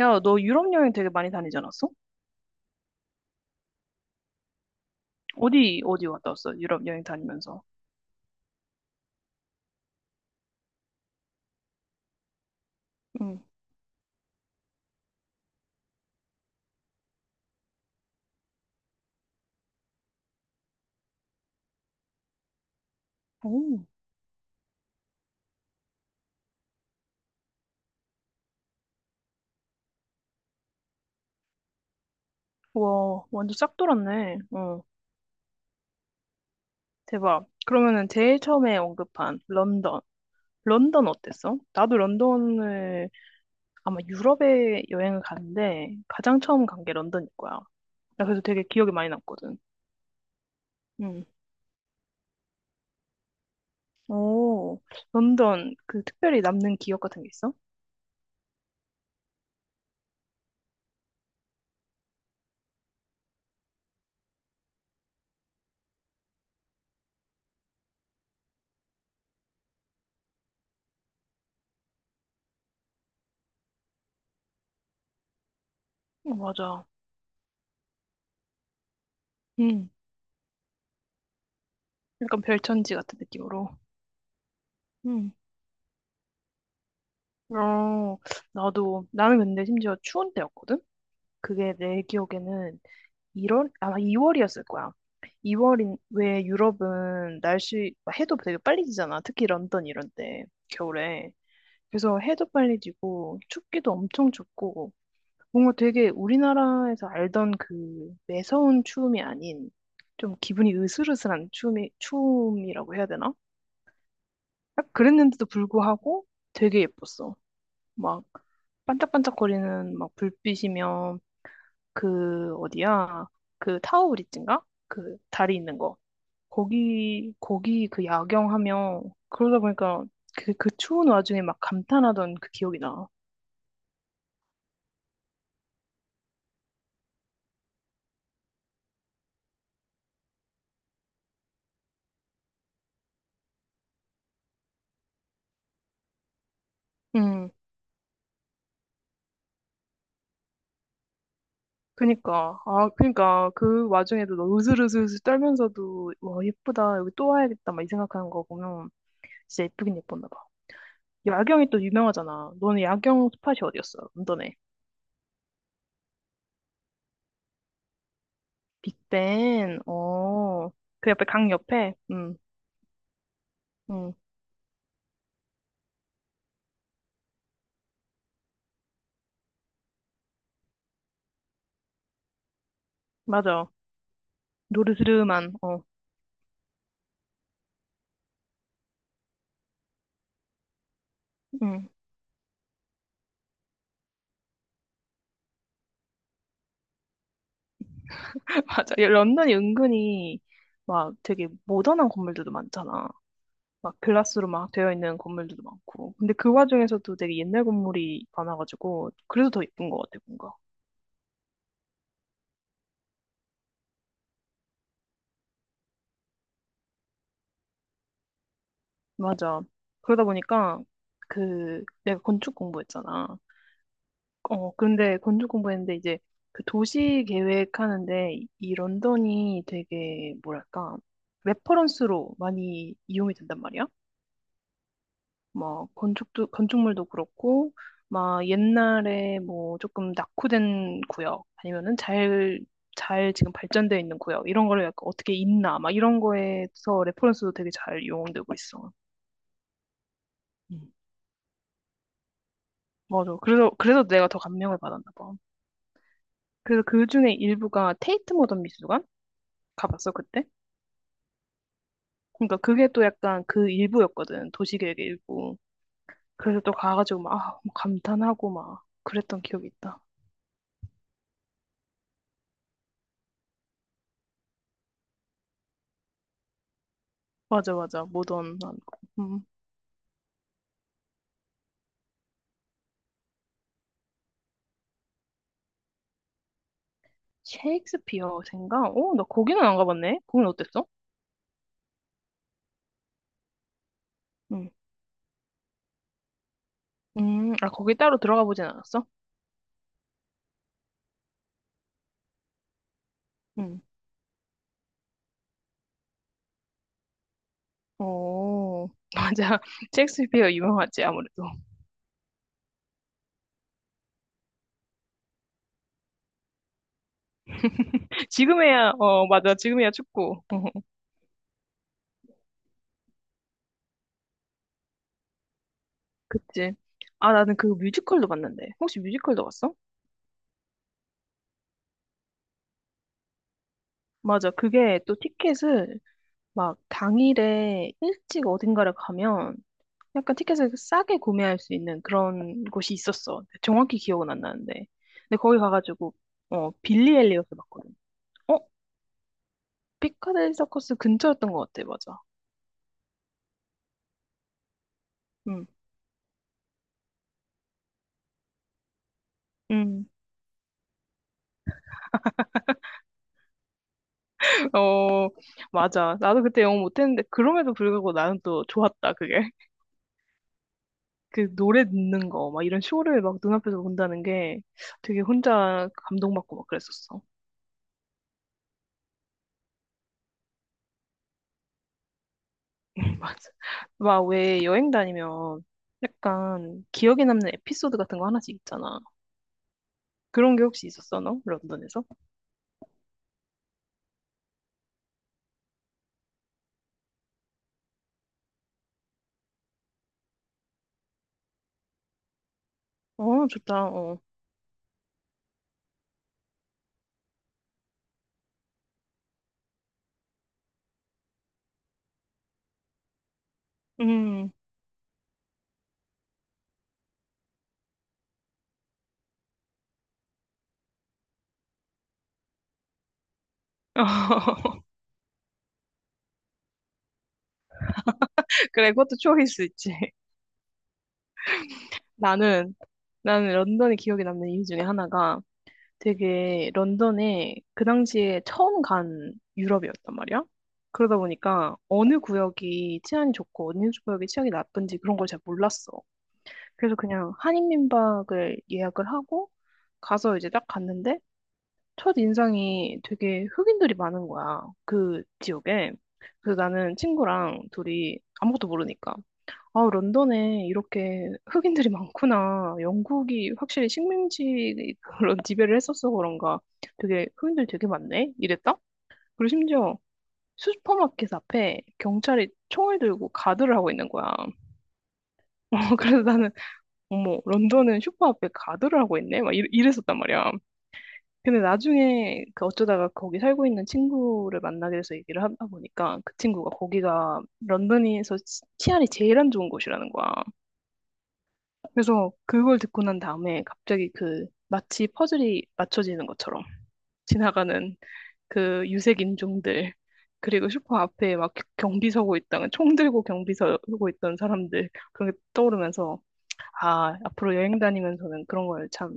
야, 너 유럽 여행 되게 많이 다니지 않았어? 어디 갔다 왔어? 유럽 여행 다니면서. 응. 오. 와, 완전 싹 돌았네. 어, 대박. 그러면은 제일 처음에 언급한 런던. 런던 어땠어? 나도 런던을 아마 유럽에 여행을 갔는데 가장 처음 간 게 런던일 거야. 나 그래서 되게 기억이 많이 남거든. 응. 오, 런던 그 특별히 남는 기억 같은 게 있어? 어, 맞아. 응. 약간 별천지 같은 느낌으로. 어, 나는 근데 심지어 추운 때였거든? 그게 내 기억에는 1월, 아마 2월이었을 거야. 2월인, 왜 유럽은 날씨, 막 해도 되게 빨리 지잖아. 특히 런던 이런 때, 겨울에. 그래서 해도 빨리 지고, 춥기도 엄청 춥고, 뭔가 되게 우리나라에서 알던 그 매서운 추움이 아닌, 좀 기분이 으슬으슬한 추움이라고 해야 되나? 딱 그랬는데도 불구하고 되게 예뻤어. 막 반짝반짝거리는 막 불빛이면 그 어디야? 그 타워 브릿지인가? 그 다리 있는 거. 거기 그 야경하면 그러다 보니까 그 추운 와중에 막 감탄하던 그 기억이 나. 음. 그니까 아 그니까 그 와중에도 너 으슬으슬 떨면서도 와 예쁘다 여기 또 와야겠다 막 이 생각하는 거 보면 진짜 예쁘긴 예뻤나 봐. 야경이 또 유명하잖아. 너는 야경 스팟이 어디였어? 런던에. 빅벤. 어. 그 옆에 강 옆에. 음. 응, 맞아. 노르스름한, 어, 응, 맞아. 이 런던이 은근히 막 되게 모던한 건물들도 많잖아. 막 글라스로 막 되어 있는 건물들도 많고. 근데 그 와중에서도 되게 옛날 건물이 많아가지고, 그래서 더 예쁜 것 같아, 뭔가. 맞아. 그러다 보니까, 그, 내가 건축 공부했잖아. 어, 근데 건축 공부했는데 이제 그 도시 계획하는데 이 런던이 되게, 뭐랄까, 레퍼런스로 많이 이용이 된단 말이야. 뭐 건축도 건축물도 그렇고 막 옛날에 뭐 조금 낙후된 구역 아니면은 잘 지금 발전되어 있는 구역 이런 거를 약간 어떻게 있나 막 이런 거에서 레퍼런스도 되게 잘 이용되고 있어. 음. 맞아. 그래서 내가 더 감명을 받았나 봐. 그래서 그 중에 일부가 테이트 모던 미술관 가봤어 그때. 그러니까 그게 또 약간 그 일부였거든 도시계획의 일부. 그래서 또 가가지고 막 아, 뭐 감탄하고 막 그랬던 기억이 있다. 맞아, 맞아, 모던한 거. 음. 셰익스피어 생각? 어, 나 거기는 안 가봤네. 거긴 어땠어? 응, 아, 거기 따로 들어가 보진 않았어? 응. 오 맞아. 셰익스피어 유명하지, 아무래도. 지금에야, 어, 맞아. 지금에야 축구. 어, 그치. 아, 나는 그 뮤지컬도 봤는데. 혹시 뮤지컬도 봤어? 맞아. 그게 또 티켓을 막 당일에 일찍 어딘가를 가면 약간 티켓을 싸게 구매할 수 있는 그런 곳이 있었어. 정확히 기억은 안 나는데. 근데 거기 가가지고, 어, 빌리 엘리엇을 봤거든. 어? 피카델리 서커스 근처였던 것 같아, 맞아. 응. 응. 어, 맞아. 나도 그때 영어 못했는데, 그럼에도 불구하고 나는 또 좋았다, 그게. 그 노래 듣는 거, 막 이런 쇼를 막 눈앞에서 본다는 게 되게 혼자 감동받고 막 그랬었어. 맞아. 막 왜 여행 다니면 약간 기억에 남는 에피소드 같은 거 하나씩 있잖아. 그런 게 혹시 있었어, 너? 런던에서? 어, 좋다, 어. 음. 그래, 그것도 추억일 수 있지. 나는 나는 런던에 기억에 남는 이유 중에 하나가 되게 런던에 그 당시에 처음 간 유럽이었단 말이야. 그러다 보니까 어느 구역이 치안이 좋고 어느 구역이 치안이 나쁜지 그런 걸 잘 몰랐어. 그래서 그냥 한인민박을 예약을 하고 가서 이제 딱 갔는데 첫 인상이 되게 흑인들이 많은 거야. 그 지역에. 그래서 나는 친구랑 둘이 아무것도 모르니까 아, 런던에 이렇게 흑인들이 많구나. 영국이 확실히 식민지 그런 지배를 했었어 그런가. 되게 흑인들 되게 많네. 이랬다? 그리고 심지어 슈퍼마켓 앞에 경찰이 총을 들고 가드를 하고 있는 거야. 어, 그래서 나는 어머 런던은 슈퍼 앞에 가드를 하고 있네. 막 이랬었단 말이야. 근데 나중에 그 어쩌다가 거기 살고 있는 친구를 만나게 돼서 얘기를 하다 보니까 그 친구가 거기가 런던에서 치안이 제일 안 좋은 곳이라는 거야. 그래서 그걸 듣고 난 다음에 갑자기 그 마치 퍼즐이 맞춰지는 것처럼 지나가는 그 유색 인종들 그리고 슈퍼 앞에 막 경비 서고 있다가 총 들고 경비 서고 있던 사람들 그런 게 떠오르면서 아 앞으로 여행 다니면서는 그런 걸 참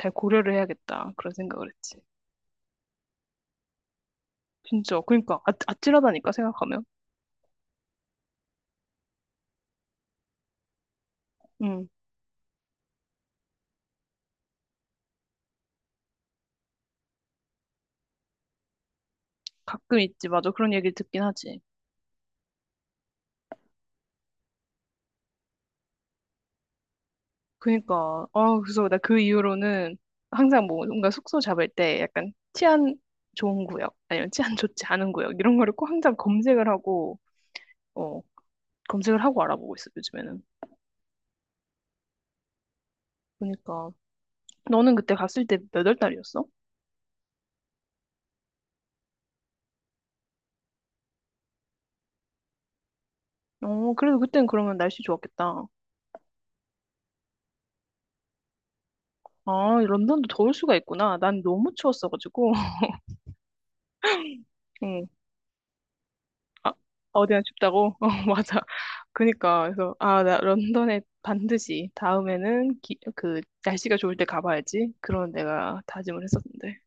잘 고려를 해야겠다 그런 생각을 했지. 진짜 그러니까 아, 아찔하다니까 생각하면. 음. 가끔 있지 맞아 그런 얘기를 듣긴 하지. 그니까, 아, 그래서 나 그 이후로는 항상 뭐 뭔가 숙소 잡을 때 약간 치안 좋은 구역, 아니면 치안 좋지 않은 구역, 이런 거를 꼭 항상 검색을 하고, 어, 검색을 하고 알아보고 있어, 요즘에는. 그니까. 너는 그때 갔을 때 몇 월 달이었어? 어, 그래도 그땐 그러면 날씨 좋았겠다. 아, 런던도 더울 수가 있구나. 난 너무 추웠어가지고. 아, 어디나 춥다고? 어, 맞아. 그니까, 그래서, 아, 나 런던에 반드시 다음에는 날씨가 좋을 때 가봐야지. 그런 내가 다짐을 했었는데.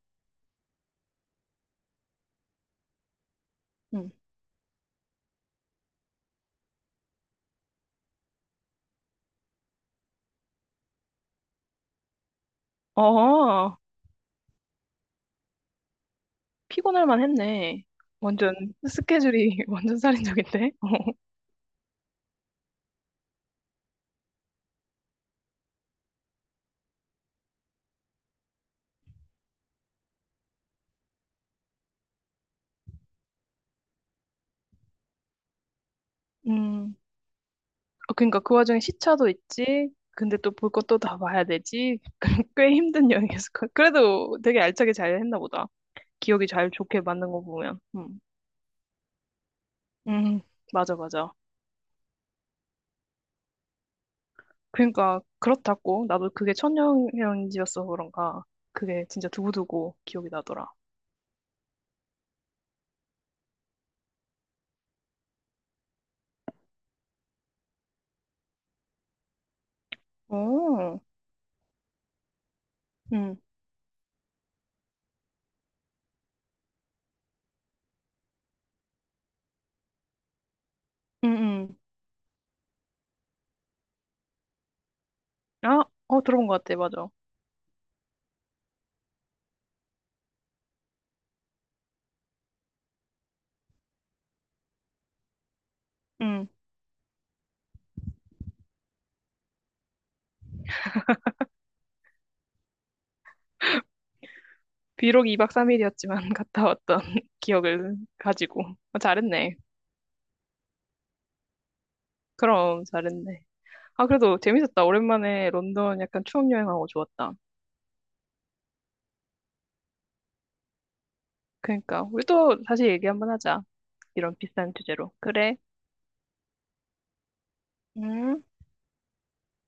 응. 어, 피곤할 만 했네. 완전 스케줄이 완전 살인적인데? 음, 어, 그러니까 그 와중에 시차도 있지. 근데 또 볼 것도 다 봐야 되지. 꽤 힘든 여행이었을 거 그래도 되게 알차게 잘 했나 보다. 기억이 잘 좋게 만든 거 보면. 음, 맞아, 맞아. 그러니까 그렇다고 나도 그게 천연현지여서 그런가 그게 진짜 두고두고 기억이 나더라. 오, 응, 응, 응. 아, 어 들어본 것 같아, 맞아. 응. 비록 2박 3일이었지만 갔다 왔던 기억을 가지고 어, 잘했네. 그럼 잘했네. 아 그래도 재밌었다. 오랜만에 런던 약간 추억 여행하고 좋았다. 그러니까 우리 또 다시 얘기 한번 하자. 이런 비싼 주제로. 그래. 음.